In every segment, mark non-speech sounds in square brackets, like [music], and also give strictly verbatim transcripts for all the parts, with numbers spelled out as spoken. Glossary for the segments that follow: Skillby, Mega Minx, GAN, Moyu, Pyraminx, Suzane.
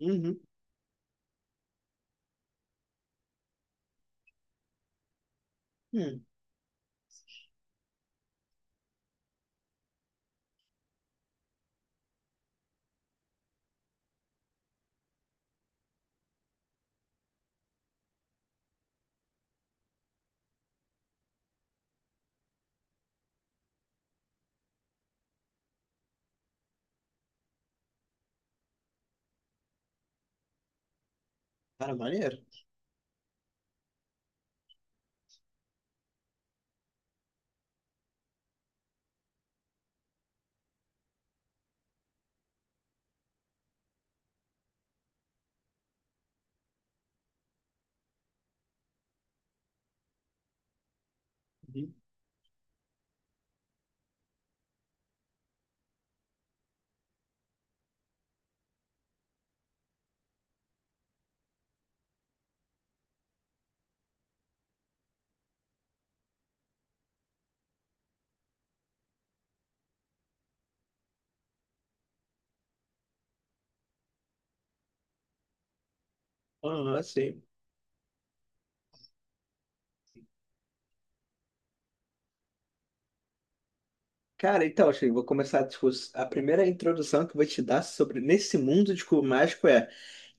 Uhum. Hum, Cara, maneiro. Uhum. Aham, sim. Cara, então, Shein, vou começar a discuss... A primeira introdução que eu vou te dar sobre nesse mundo de cubo mágico é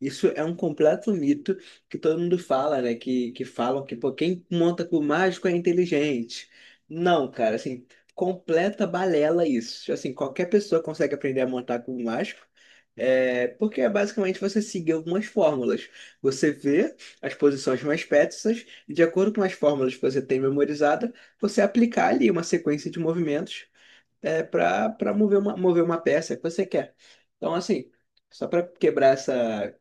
isso é um completo mito que todo mundo fala, né? Que, que falam que, pô, quem monta cubo mágico é inteligente. Não, cara, assim, completa balela isso. Assim, qualquer pessoa consegue aprender a montar cubo mágico. É, porque é basicamente você seguir algumas fórmulas. Você vê as posições mais peças e, de acordo com as fórmulas que você tem memorizada, você aplicar ali uma sequência de movimentos, é, para para mover uma, mover uma peça que você quer. Então, assim, só para quebrar essa,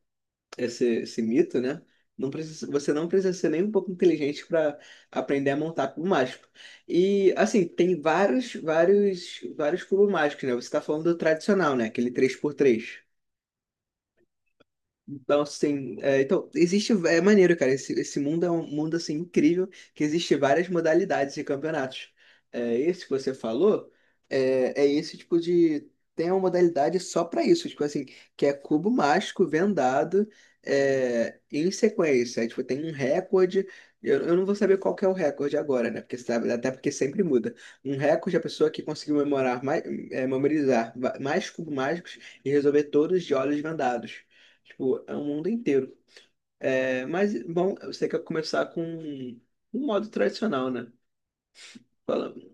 esse, esse mito, né? Não precisa, você não precisa ser nem um pouco inteligente para aprender a montar cubo mágico. E, assim, tem vários, vários, vários cubos mágicos, né? Você está falando do tradicional, né? Aquele três por três. Então, assim é, então, existe, é maneiro, cara, esse, esse mundo é um mundo, assim, incrível, que existe várias modalidades de campeonatos. É, esse que você falou, é, é esse tipo de... Tem uma modalidade só pra isso, tipo assim, que é cubo mágico vendado, é, em sequência. Aí, tipo, tem um recorde. Eu, eu não vou saber qual que é o recorde agora, né, porque sabe, até porque sempre muda. Um recorde é a pessoa que conseguiu memorar mais, é, memorizar va- mais cubos mágicos e resolver todos de olhos vendados. Tipo, é o mundo inteiro. É, mas, bom, você quer começar com um modo tradicional, né? Falando.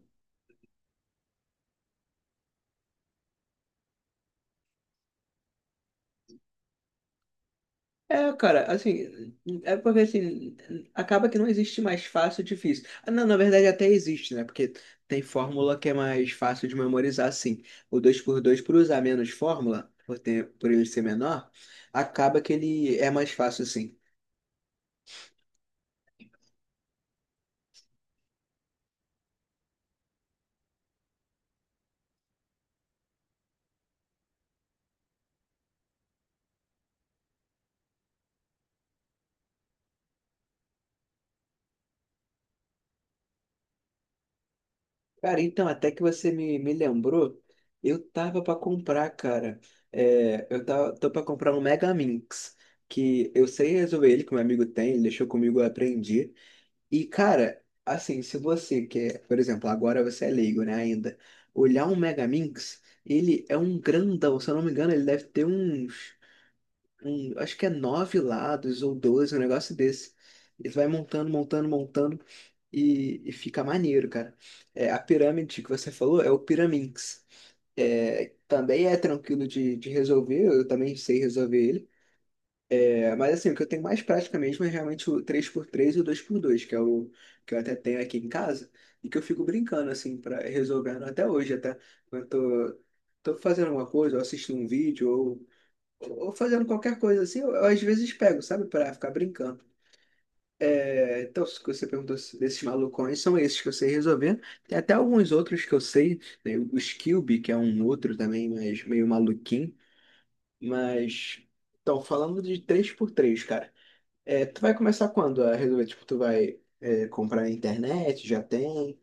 É, cara, assim, é porque assim, acaba que não existe mais fácil e difícil. Ah, não, na verdade até existe, né? Porque tem fórmula que é mais fácil de memorizar, assim. O dois por dois por usar menos fórmula, por ter, por ele ser menor, acaba que ele é mais fácil, assim. Cara, então, até que você me, me lembrou, eu tava pra comprar, cara. É, eu tava, tô pra comprar um Mega Minx, que eu sei resolver ele, que meu amigo tem, ele deixou comigo, eu aprendi. E, cara, assim, se você quer, por exemplo, agora você é leigo, né, ainda, olhar um Mega Minx, ele é um grandão. Se eu não me engano, ele deve ter uns, um, acho que é nove lados ou doze, um negócio desse. Ele vai montando, montando, montando, e, e fica maneiro, cara. É, a pirâmide que você falou é o Pyraminx. É, também é tranquilo de de resolver, eu também sei resolver ele. É, mas assim, o que eu tenho mais prática mesmo é realmente o três por três e o dois por dois, que é o que eu até tenho aqui em casa, e que eu fico brincando, assim, para resolvendo até hoje, até quando eu tô, tô fazendo alguma coisa, ou assistindo um vídeo, ou, ou fazendo qualquer coisa assim, eu, eu às vezes pego, sabe, para ficar brincando. É, então, se você perguntou se- desses malucões, são esses que eu sei resolver. Tem até alguns outros que eu sei, né? O Skillby, que é um outro também, mas meio maluquinho. Mas, então, falando de três por três, cara, é, tu vai começar quando a resolver? Tipo, tu vai, é, comprar na internet? Já tem?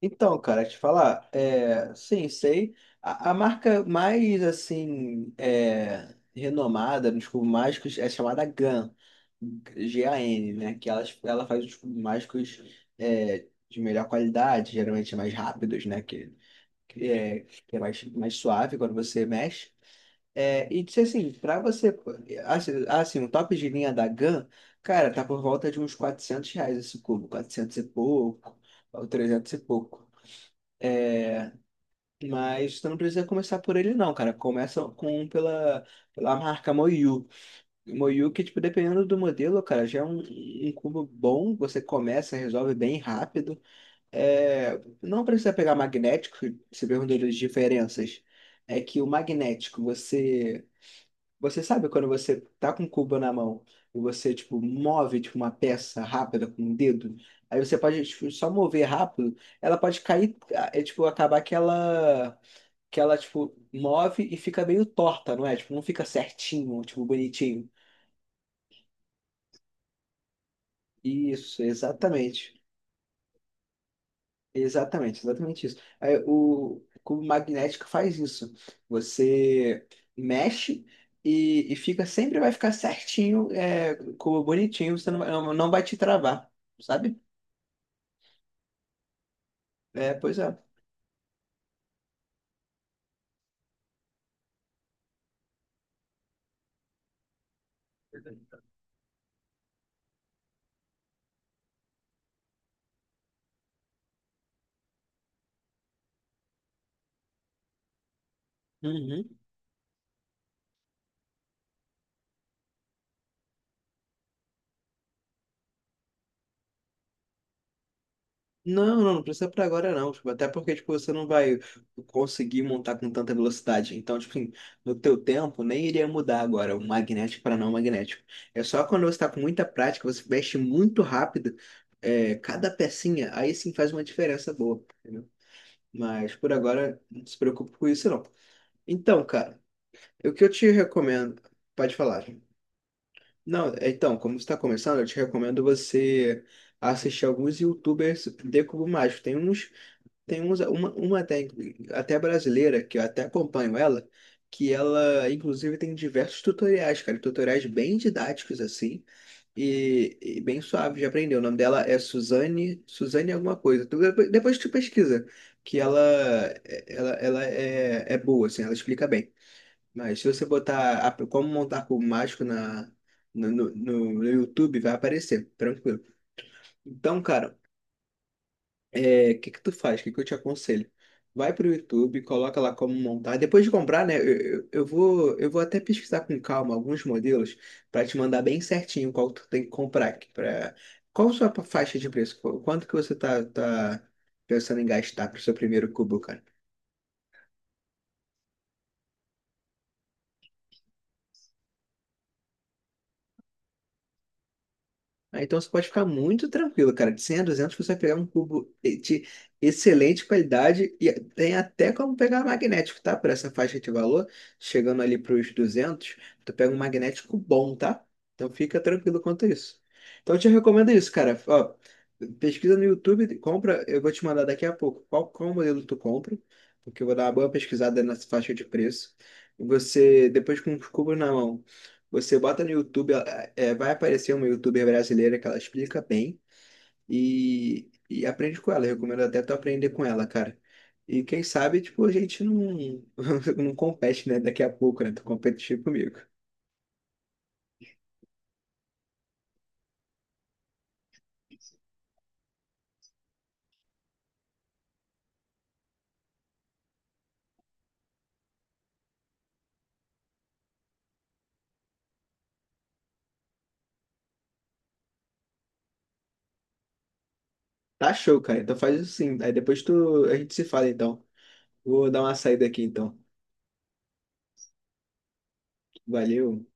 Então, cara, te falar, é, sim, sei. A, a marca mais assim, é, renomada nos cubos mágicos é chamada GAN, G-A-N, né? Que ela, ela faz os cubos mágicos, é, de melhor qualidade, geralmente mais rápidos, né? Que, que é, que é mais, mais suave quando você mexe. É, e disse assim, para você, assim, assim, um top de linha da GAN, cara, tá por volta de uns quatrocentos reais esse cubo, quatrocentos e pouco, ou trezentos e pouco. Mas tu não precisa começar por ele não, cara. Começa com pela, pela marca Moyu. Moyu que, tipo, dependendo do modelo, cara, já é um, um cubo bom. Você começa, resolve bem rápido. É, não precisa pegar magnético, se perguntou das diferenças. É que o magnético, você... Você sabe quando você tá com o cubo na mão e você, tipo, move, tipo, uma peça rápida com o dedo. Aí você pode, tipo, só mover rápido, ela pode cair, é, tipo, acabar que ela que ela, tipo, move e fica meio torta, não é? Tipo, não fica certinho, tipo, bonitinho. Isso, exatamente. Exatamente, exatamente isso. Aí, o cubo magnético faz isso. Você mexe e, e fica, sempre vai ficar certinho, é, cubo bonitinho. Você não vai- não não vai te travar, sabe? É, pois é. Uhum. Não, não, não precisa pra agora não, tipo, até porque, tipo, você não vai conseguir montar com tanta velocidade. Então, tipo, assim, no teu tempo nem iria mudar agora o magnético para não magnético. É só quando você tá com muita prática, você mexe muito rápido, é, cada pecinha, aí sim faz uma diferença boa, entendeu? Mas por agora, não se preocupe com isso não. Então, cara, o que eu te recomendo, pode falar. Não, é, então, como você tá começando, eu te recomendo você assistir alguns YouTubers de cubo mágico. Tem uns tem uns, uma, uma técnica, até brasileira, que eu até acompanho ela, que ela, inclusive, tem diversos tutoriais, cara, tutoriais bem didáticos, assim, e, e bem suave de aprender. O nome dela é Suzane, Suzane alguma coisa. Tu- depois depois tu pesquisa, que ela, ela, ela é, é boa, assim, ela explica bem. Mas se você botar a- como montar cubo mágico na, no, no, no no YouTube, vai aparecer, tranquilo. Então, cara, é, o que que tu faz? O que que eu te aconselho? Vai pro YouTube, coloca lá como montar. Depois de comprar, né? Eu, eu, eu vou, eu vou até pesquisar com calma alguns modelos para te mandar bem certinho qual tu tem que comprar aqui. Pra... Qual a sua faixa de preço? Qu- Quanto que você tá, tá pensando em gastar pro seu primeiro cubo? Ah, então você pode ficar muito tranquilo, cara. De cem a duzentos você vai pegar um cubo de excelente qualidade, e tem até como pegar magnético, tá? Por essa faixa de valor, chegando ali para os duzentos, tu pega um magnético bom, tá? Então fica tranquilo quanto a isso. Então eu te recomendo isso, cara. Ó, pesquisa no YouTube, compra. Eu vou te mandar daqui a pouco qual, qual modelo tu compra, porque eu vou dar uma boa pesquisada nessa faixa de preço. Você, depois, com os cubos na mão, você bota no YouTube. Ela- é, vai aparecer uma YouTuber brasileira que ela explica bem, e, e aprende com ela. Eu recomendo até tu aprender com ela, cara. E quem sabe, tipo, a gente não, [laughs] não compete, né? Daqui a pouco, né? Tu competir comigo. Tá show, cara. Então faz isso sim. Aí depois tu, a gente se fala, então. Vou dar uma saída aqui, então. Valeu.